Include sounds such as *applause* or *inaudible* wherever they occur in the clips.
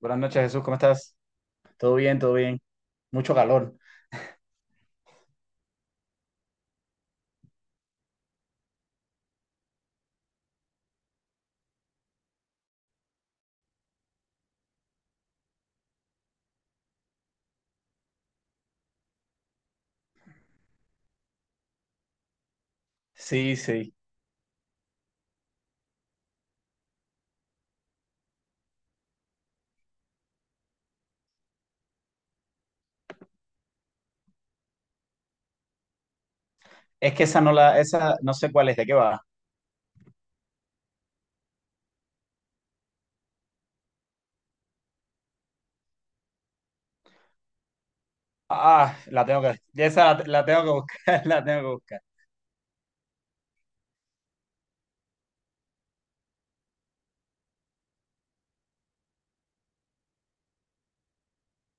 Buenas noches, Jesús, ¿cómo estás? Todo bien, todo bien. Mucho calor. Sí, sí. Es que esa no sé cuál es, ¿de qué va? Ah, ya esa la tengo que buscar, *laughs* la tengo que buscar.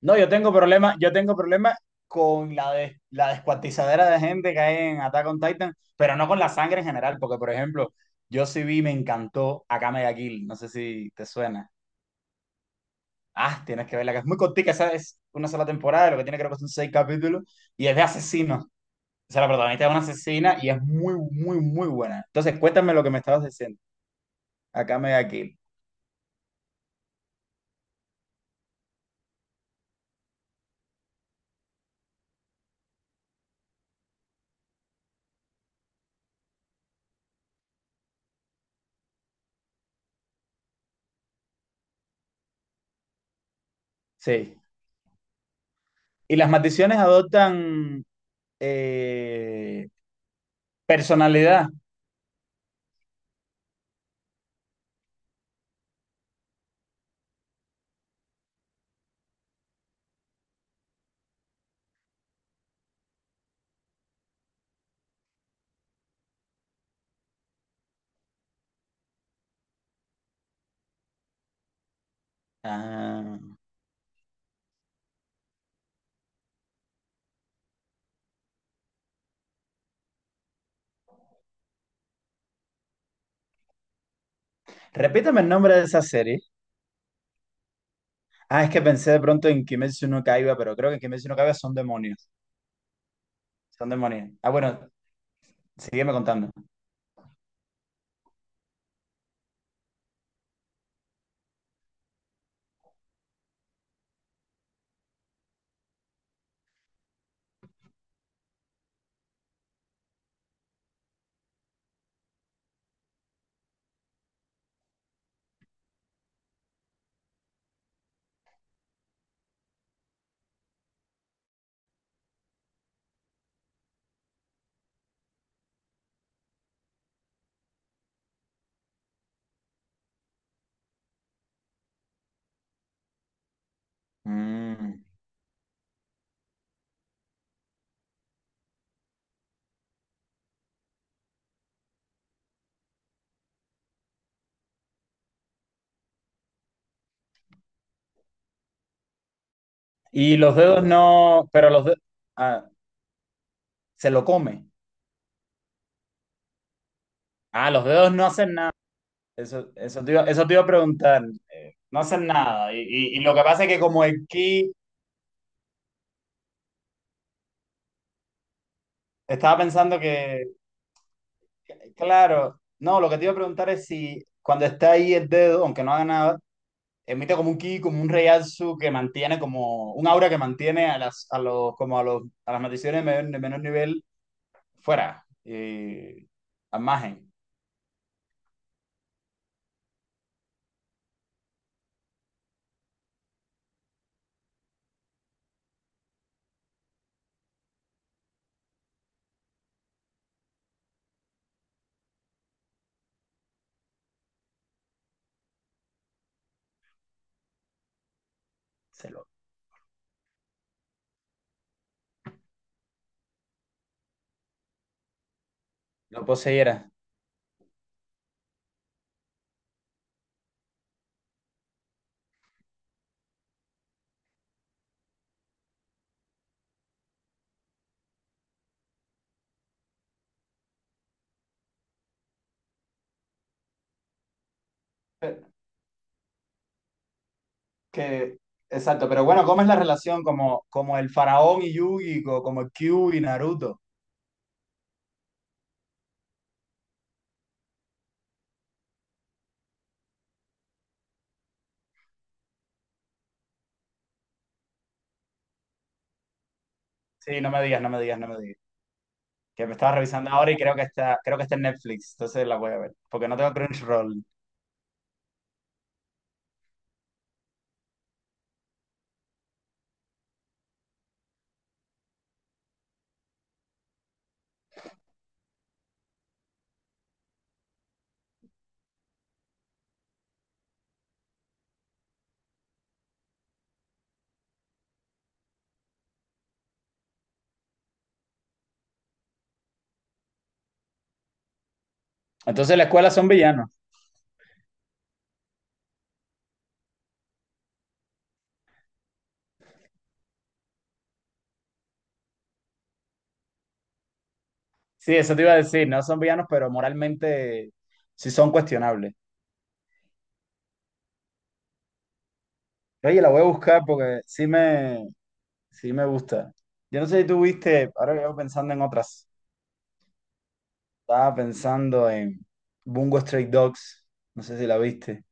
No, yo tengo problema con la descuartizadera de gente que hay en Attack on Titan, pero no con la sangre en general, porque por ejemplo, yo sí vi, me encantó Akame ga Kill, no sé si te suena. Ah, tienes que verla, que es muy cortica, esa es una sola temporada, lo que tiene creo que son seis capítulos, y es de asesinos. O sea, la protagonista es una asesina y es muy, muy, muy buena. Entonces, cuéntame lo que me estabas diciendo. Acá me aquí. Sí. Y las maldiciones adoptan eh, personalidad. Ah. Repítame el nombre de esa serie. Ah, es que pensé de pronto en Kimetsu no Kaiba, pero creo que en Kimetsu no Kaiba son demonios. Son demonios. Ah, bueno, sígueme contando. Mm. Y los dedos no, pero los dedos, se lo come. Ah, los dedos no hacen nada. Eso, eso te iba a preguntar. No hacen nada. Y, y lo que pasa es que como el key, estaba pensando que, claro, no, lo que te iba a preguntar es si cuando está ahí el dedo, aunque no haga nada, emite como un ki, como un reiatsu que mantiene como un aura que mantiene a las, a los, como a los, a las maldiciones de menor nivel fuera. Y a margen. Se lo, lo poseyera. Eh, Que, exacto, pero bueno, ¿cómo es la relación como el faraón y Yugi, como el Q y Naruto? Sí, no me digas, no me digas, no me digas. Que me estaba revisando ahora y creo que está en Netflix, entonces la voy a ver, porque no tengo Crunchyroll. Entonces la escuela son villanos. Sí, eso te iba a decir, no son villanos, pero moralmente sí son cuestionables. Oye, la voy a buscar porque sí me gusta. Yo no sé si tú viste, ahora que llevo pensando en otras. Estaba pensando en Bungo Stray Dogs, no sé si la viste.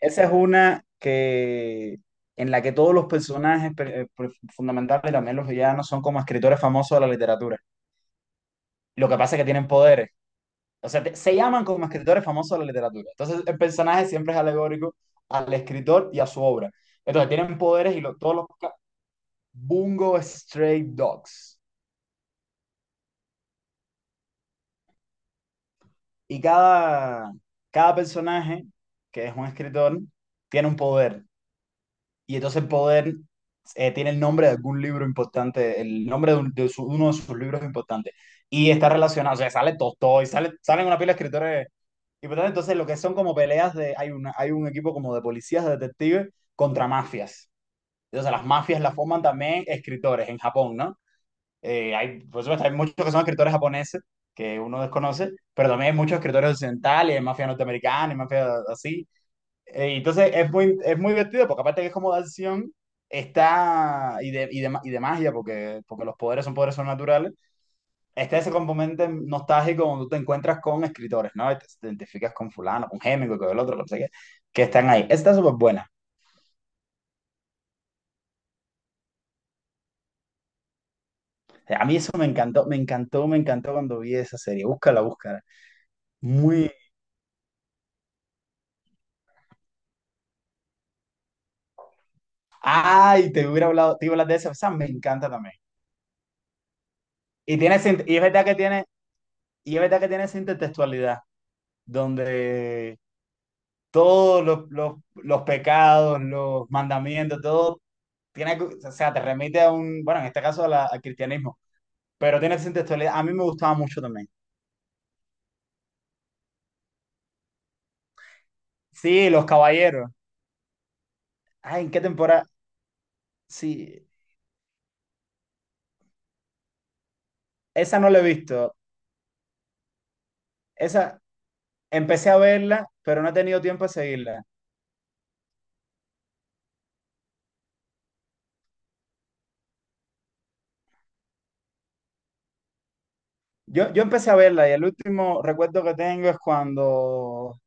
Esa es una que en la que todos los personajes fundamentales, también los villanos, son como escritores famosos de la literatura. Lo que pasa es que tienen poderes. O sea, se llaman como escritores famosos de la literatura. Entonces, el personaje siempre es alegórico al escritor y a su obra. Entonces, tienen poderes y Bungo Stray Dogs. Y cada personaje, que es un escritor, tiene un poder. Y entonces poder tiene el nombre de algún libro importante, el nombre de, uno de sus libros importantes. Y está relacionado, o sea, sale Tolstói, salen una pila de escritores importantes. Entonces, lo que son como peleas de, hay un equipo como de policías, de detectives, contra mafias. Entonces, las mafias las forman también escritores en Japón, ¿no? Por supuesto, hay muchos que son escritores japoneses, que uno desconoce, pero también hay muchos escritores occidentales, hay mafia norteamericana, hay mafia así. Entonces es muy divertido porque aparte que es como de acción está y de magia porque los poderes son poderes sobrenaturales, está ese componente nostálgico donde tú te encuentras con escritores, ¿no? Y te identificas con fulano, con Hemingway, con el otro, no sé qué, que están ahí. Esta está súper buena. A mí eso me encantó, me encantó, me encantó cuando vi esa serie. Búscala, búscala. Muy... Ay, te hubiera hablado, te iba a hablar de esa, esa me encanta también. Y es verdad que tiene, esa intertextualidad donde todos los pecados, los mandamientos, todo tiene, o sea, te remite a un, bueno, en este caso a al cristianismo, pero tiene esa textualidad. A mí me gustaba mucho también. Sí, Los Caballeros. Ay, ¿en qué temporada? Sí, esa no la he visto. Esa, empecé a verla, pero no he tenido tiempo de seguirla. Yo empecé a verla y el último recuerdo que tengo es cuando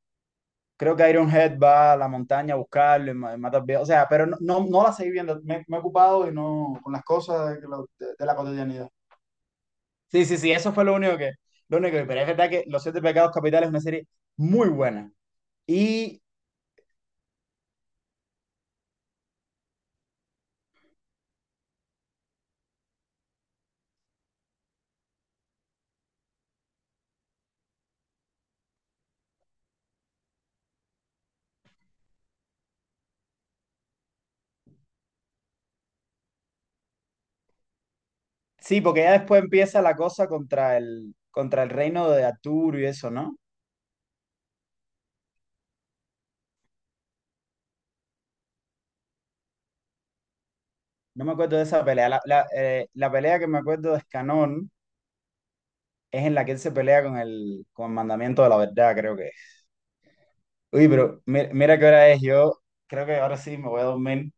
creo que Ironhead va a la montaña a buscarlo y mata al viejo. O sea, pero no, no, no la seguí viendo. Me he ocupado y no con las cosas de, de la cotidianidad. Sí, sí, sí, eso fue lo único que, pero es verdad que Los Siete Pecados Capitales es una serie muy buena. Y sí, porque ya después empieza la cosa contra el reino de Arturo y eso, ¿no? No me acuerdo de esa pelea. La pelea que me acuerdo de Escanón es en la que él se pelea con el mandamiento de la verdad, creo que. Uy, pero mira, qué hora es. Yo creo que ahora sí me voy a dormir.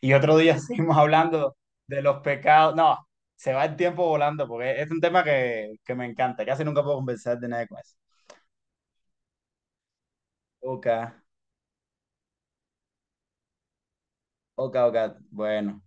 Y otro día *laughs* seguimos hablando de los pecados. No, se va el tiempo volando porque es un tema que me encanta. Casi nunca puedo conversar de nada con eso. Ok, ok, ok. Bueno.